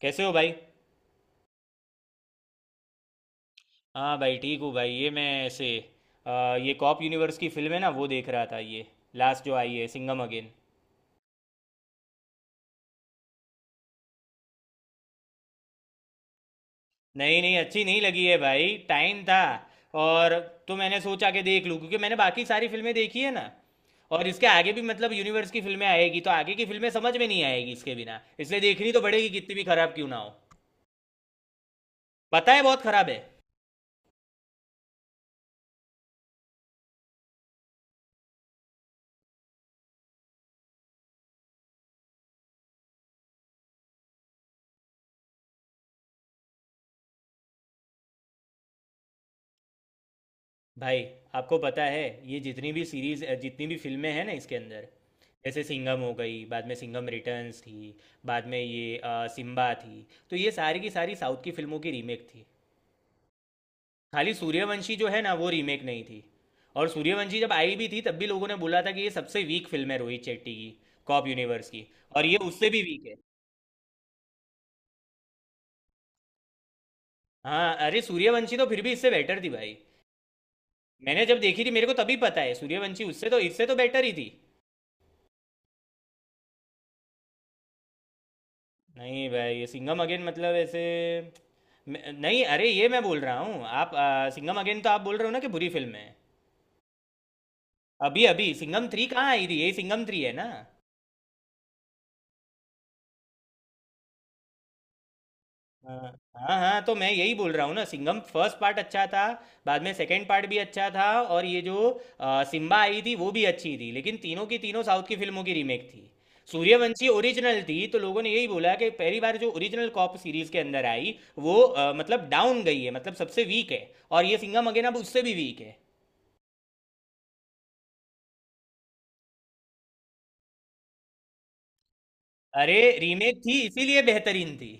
कैसे हो भाई। हाँ भाई, ठीक हूँ भाई। ये मैं ऐसे ये कॉप यूनिवर्स की फिल्म है ना, वो देख रहा था, ये लास्ट जो आई है, सिंघम अगेन। नहीं नहीं, अच्छी नहीं लगी है भाई, टाइम था और, तो मैंने सोचा कि देख लूँ क्योंकि मैंने बाकी सारी फिल्में देखी है ना। और इसके आगे भी मतलब यूनिवर्स की फिल्में आएगी, तो आगे की फिल्में समझ में नहीं आएगी इसके बिना, इसलिए देखनी तो पड़ेगी कितनी भी खराब क्यों ना हो। पता है, बहुत खराब है भाई। आपको पता है, ये जितनी भी सीरीज, जितनी भी फिल्में हैं ना इसके अंदर, जैसे सिंघम हो गई, बाद में सिंघम रिटर्न्स थी, बाद में ये सिम्बा थी, तो ये सारी की सारी साउथ की फिल्मों की रीमेक थी। खाली सूर्यवंशी जो है ना, वो रीमेक नहीं थी। और सूर्यवंशी जब आई भी थी तब भी लोगों ने बोला था कि ये सबसे वीक फिल्म है रोहित शेट्टी की, कॉप यूनिवर्स की। और ये उससे भी वीक है। हाँ अरे, सूर्यवंशी तो फिर भी इससे बेटर थी भाई। मैंने जब देखी थी मेरे को तभी पता है, सूर्यवंशी उससे तो, इससे तो बेटर ही थी। नहीं भाई, ये सिंघम अगेन मतलब ऐसे। नहीं अरे, ये मैं बोल रहा हूँ, आप सिंघम अगेन तो आप बोल रहे हो ना कि बुरी फिल्म है। अभी अभी सिंघम थ्री कहाँ आई थी, ये सिंघम थ्री है ना। हाँ हाँ हाँ, तो मैं यही बोल रहा हूँ ना, सिंघम फर्स्ट पार्ट अच्छा था, बाद में सेकंड पार्ट भी अच्छा था, और ये जो सिम्बा आई थी वो भी अच्छी थी, लेकिन तीनों की तीनों साउथ की फिल्मों की रीमेक थी। सूर्यवंशी ओरिजिनल थी, तो लोगों ने यही बोला कि पहली बार जो ओरिजिनल कॉप सीरीज के अंदर आई वो मतलब डाउन गई है, मतलब सबसे वीक है। और ये सिंघम अगेन अब उससे भी वीक है। अरे रीमेक थी इसीलिए बेहतरीन थी,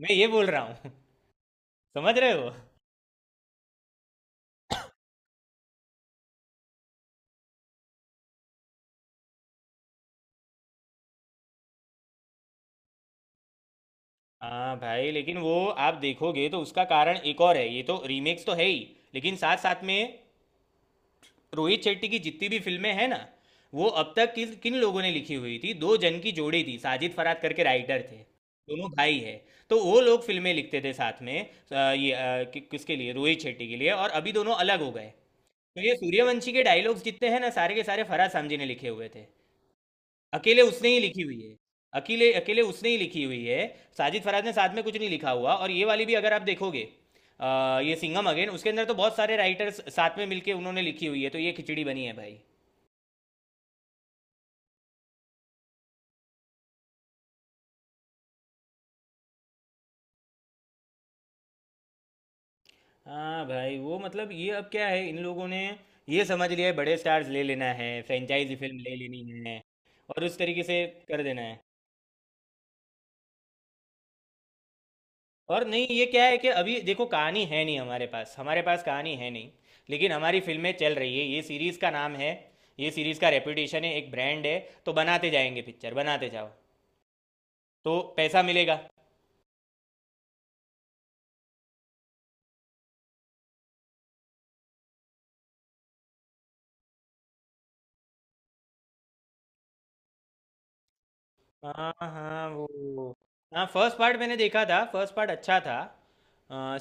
मैं ये बोल रहा हूँ। समझ रहे हो। हाँ भाई, लेकिन वो, आप देखोगे तो उसका कारण एक और है। ये तो रीमेक्स तो है ही, लेकिन साथ साथ में रोहित शेट्टी की जितनी भी फिल्में हैं ना, वो अब तक किस किन लोगों ने लिखी हुई थी, दो जन की जोड़ी थी, साजिद फरहाद करके राइटर थे, दोनों भाई है। तो वो लोग फिल्में लिखते थे साथ में किसके लिए? रोहित शेट्टी के लिए। और अभी दोनों अलग हो गए। तो ये सूर्यवंशी के डायलॉग्स जितने हैं ना, सारे के सारे फरहाद सामजी ने लिखे हुए थे, अकेले उसने ही लिखी हुई है, अकेले अकेले उसने ही लिखी हुई है। साजिद फराज ने साथ में कुछ नहीं लिखा हुआ। और ये वाली भी अगर आप देखोगे, ये सिंघम अगेन उसके अंदर तो बहुत सारे राइटर्स साथ में मिलके उन्होंने लिखी हुई है, तो ये खिचड़ी बनी है भाई। हाँ भाई वो मतलब, ये अब क्या है, इन लोगों ने ये समझ लिया है बड़े स्टार्स ले लेना है, फ्रेंचाइजी फिल्म ले लेनी है और उस तरीके से कर देना है। और नहीं, ये क्या है कि अभी देखो कहानी है नहीं हमारे पास, कहानी है नहीं, लेकिन हमारी फिल्में चल रही है, ये सीरीज का नाम है, ये सीरीज का रेपुटेशन है, एक ब्रांड है, तो बनाते जाएंगे पिक्चर, बनाते जाओ, तो पैसा मिलेगा। हाँ हाँ वो, हाँ फर्स्ट पार्ट मैंने देखा था, फर्स्ट पार्ट अच्छा था।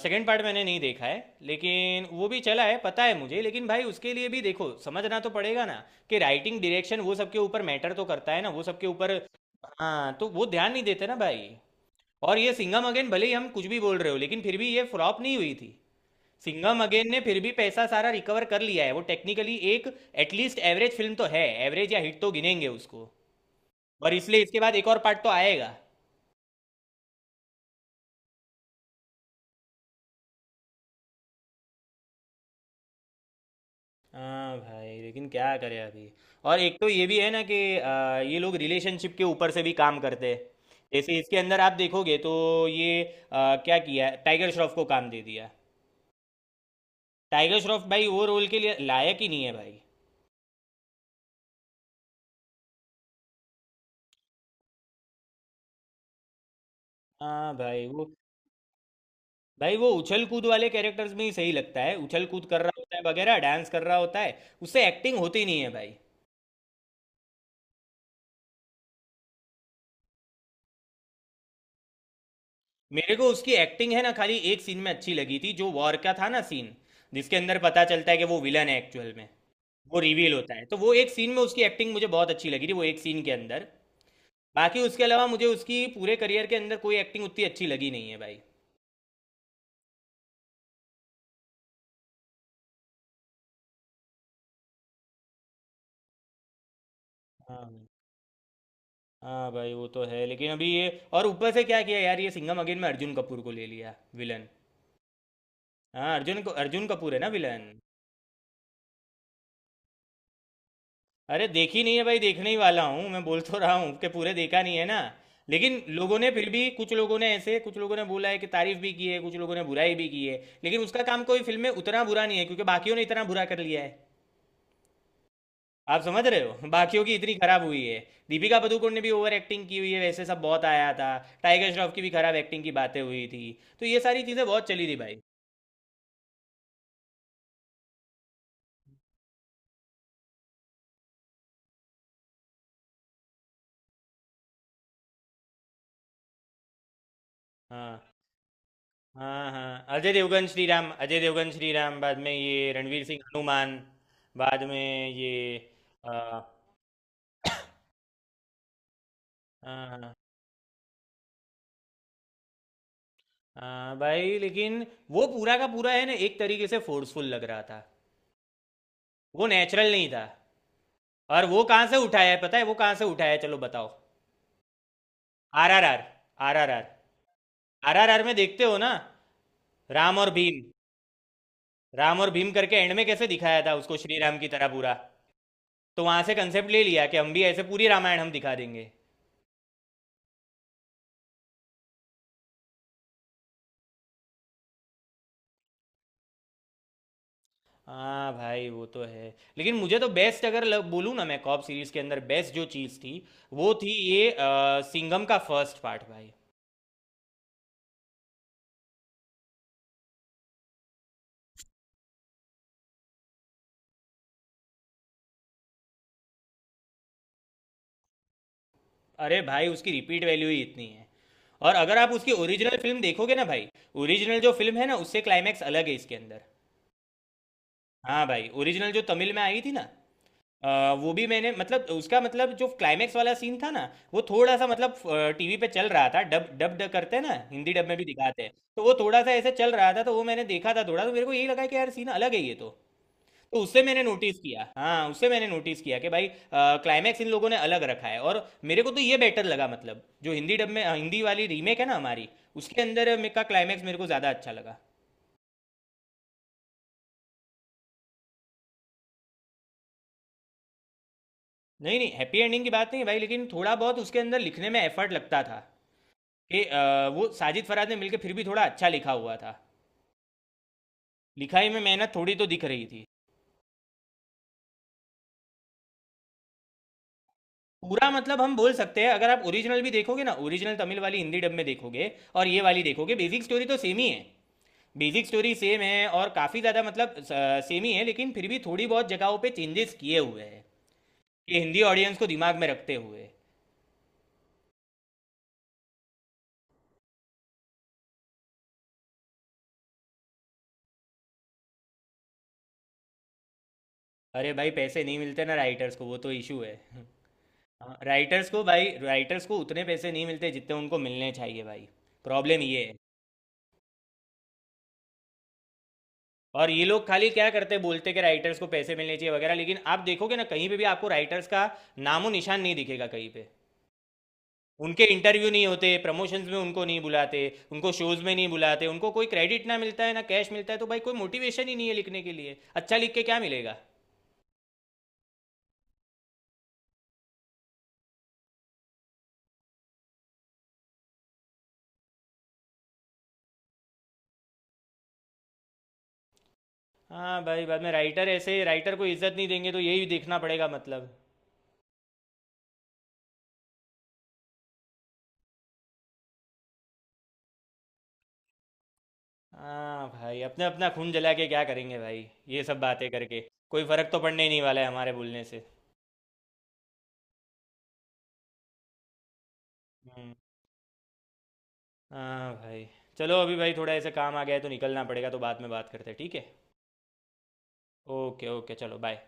सेकंड पार्ट मैंने नहीं देखा है लेकिन वो भी चला है पता है मुझे, लेकिन भाई उसके लिए भी देखो समझना तो पड़ेगा ना कि राइटिंग, डायरेक्शन, वो सबके ऊपर मैटर तो करता है ना, वो सबके ऊपर। हाँ तो वो ध्यान नहीं देते ना भाई। और ये सिंघम अगेन भले ही हम कुछ भी बोल रहे हो, लेकिन फिर भी ये फ्लॉप नहीं हुई थी। सिंघम अगेन ने फिर भी पैसा सारा रिकवर कर लिया है, वो टेक्निकली एक, एटलीस्ट एवरेज फिल्म तो है, एवरेज या हिट तो गिनेंगे उसको। और इसलिए इसके बाद एक और पार्ट तो आएगा। हाँ भाई, लेकिन क्या करें अभी। और एक तो ये भी है ना कि ये लोग रिलेशनशिप के ऊपर से भी काम करते हैं। जैसे इसके अंदर आप देखोगे तो ये क्या किया है? टाइगर श्रॉफ को काम दे दिया। टाइगर श्रॉफ, भाई वो रोल के लिए लायक ही नहीं है भाई। हाँ भाई वो, भाई वो उछल कूद वाले कैरेक्टर्स में ही सही लगता है, उछल कूद कर रहा होता है वगैरह, डांस कर रहा होता है, उससे एक्टिंग होती नहीं है भाई। मेरे को उसकी एक्टिंग है ना खाली एक सीन में अच्छी लगी थी, जो वॉर का था ना सीन, जिसके अंदर पता चलता है कि वो विलन है एक्चुअल में, वो रिवील होता है, तो वो एक सीन में उसकी एक्टिंग मुझे बहुत अच्छी लगी थी, वो एक सीन के अंदर। बाकी उसके अलावा मुझे उसकी पूरे करियर के अंदर कोई एक्टिंग उतनी अच्छी लगी नहीं है भाई। हाँ हाँ भाई वो तो है, लेकिन अभी ये, और ऊपर से क्या किया यार, ये सिंघम अगेन में अर्जुन कपूर को ले लिया विलन। हाँ अर्जुन को, अर्जुन कपूर है ना विलन। अरे देखी नहीं है भाई, देखने ही वाला हूँ, मैं बोल तो रहा हूँ कि पूरे देखा नहीं है ना। लेकिन लोगों ने फिर भी, कुछ लोगों ने ऐसे, कुछ लोगों ने बोला है कि तारीफ भी की है, कुछ लोगों ने बुराई भी की है। लेकिन उसका काम कोई फिल्म में उतना बुरा नहीं है क्योंकि बाकियों ने इतना बुरा कर लिया है। आप समझ रहे हो, बाकियों की इतनी खराब हुई है। दीपिका पादुकोण ने भी ओवर एक्टिंग की हुई है, वैसे सब बहुत आया था। टाइगर श्रॉफ की भी खराब एक्टिंग की बातें हुई थी। तो ये सारी चीज़ें बहुत चली थी भाई। हाँ हाँ हाँ, अजय देवगन श्री राम, अजय देवगन श्री राम, बाद में ये रणवीर सिंह हनुमान, बाद में ये आ, हाँ हाँ भाई, लेकिन वो पूरा का पूरा है ना एक तरीके से फोर्सफुल लग रहा था, वो नेचुरल नहीं था। और वो कहाँ से उठाया है पता है, वो कहाँ से उठाया है, चलो बताओ। RRR, RRR, RRR में देखते हो ना, राम और भीम, राम और भीम करके एंड में कैसे दिखाया था उसको श्री राम की तरह पूरा, तो वहां से कंसेप्ट ले लिया कि हम भी ऐसे पूरी रामायण हम दिखा देंगे। हाँ भाई वो तो है, लेकिन मुझे तो बेस्ट अगर बोलूं ना मैं, कॉप सीरीज के अंदर बेस्ट जो चीज़ थी, वो थी ये सिंघम का फर्स्ट पार्ट भाई। अरे भाई उसकी रिपीट वैल्यू ही इतनी है। और अगर आप उसकी ओरिजिनल फिल्म देखोगे ना भाई, ओरिजिनल जो फिल्म है ना, उससे क्लाइमैक्स अलग है इसके अंदर। हाँ भाई, ओरिजिनल जो तमिल में आई थी ना, अ, वो भी मैंने मतलब, उसका मतलब जो क्लाइमेक्स वाला सीन था ना, वो थोड़ा सा मतलब, टीवी पे चल रहा था डब डब डब करते हैं ना, हिंदी डब में भी दिखाते हैं, तो वो थोड़ा सा ऐसे चल रहा था, तो वो मैंने देखा था थोड़ा, तो मेरे को यही लगा कि यार सीन अलग है ये तो। तो उससे मैंने नोटिस किया, हाँ उससे मैंने नोटिस किया कि भाई क्लाइमैक्स इन लोगों ने अलग रखा है और मेरे को तो ये बेटर लगा, मतलब जो हिंदी डब में हिंदी वाली रीमेक है ना हमारी, उसके अंदर का क्लाइमैक्स मेरे को ज़्यादा अच्छा लगा। नहीं नहीं हैप्पी एंडिंग की बात नहीं है भाई, लेकिन थोड़ा बहुत उसके अंदर लिखने में एफर्ट लगता था कि वो साजिद फराज ने मिलके फिर भी थोड़ा अच्छा लिखा हुआ था, लिखाई में मेहनत थोड़ी तो दिख रही थी। पूरा मतलब हम बोल सकते हैं, अगर आप ओरिजिनल भी देखोगे ना, ओरिजिनल तमिल वाली हिंदी डब में देखोगे और ये वाली देखोगे, बेसिक स्टोरी तो सेम ही है, बेसिक स्टोरी सेम है और काफ़ी ज़्यादा मतलब सेम ही है, लेकिन फिर भी थोड़ी बहुत जगहों पे चेंजेस किए हुए हैं कि हिंदी ऑडियंस को दिमाग में रखते हुए। अरे भाई पैसे नहीं मिलते ना राइटर्स को, वो तो इशू है। राइटर्स को भाई, राइटर्स को उतने पैसे नहीं मिलते जितने उनको मिलने चाहिए भाई। प्रॉब्लम ये है। और ये लोग खाली क्या करते, बोलते कि राइटर्स को पैसे मिलने चाहिए वगैरह, लेकिन आप देखोगे ना कहीं पे भी आपको राइटर्स का नामो निशान नहीं दिखेगा कहीं पे। उनके इंटरव्यू नहीं होते, प्रमोशंस में उनको नहीं बुलाते, उनको शोज में नहीं बुलाते, उनको कोई क्रेडिट ना मिलता है ना कैश मिलता है, तो भाई कोई मोटिवेशन ही नहीं है लिखने के लिए। अच्छा लिख के क्या मिलेगा। हाँ भाई, बाद में राइटर, ऐसे राइटर को इज्जत नहीं देंगे तो यही देखना पड़ेगा मतलब। हाँ भाई, अपने अपना खून जला के क्या करेंगे भाई, ये सब बातें करके, कोई फर्क तो पड़ने ही नहीं वाला है हमारे बोलने से। हम्म। हाँ भाई, चलो अभी भाई थोड़ा ऐसे काम आ गया है तो निकलना पड़ेगा, तो बाद में बात करते हैं ठीक है। ओके ओके चलो बाय।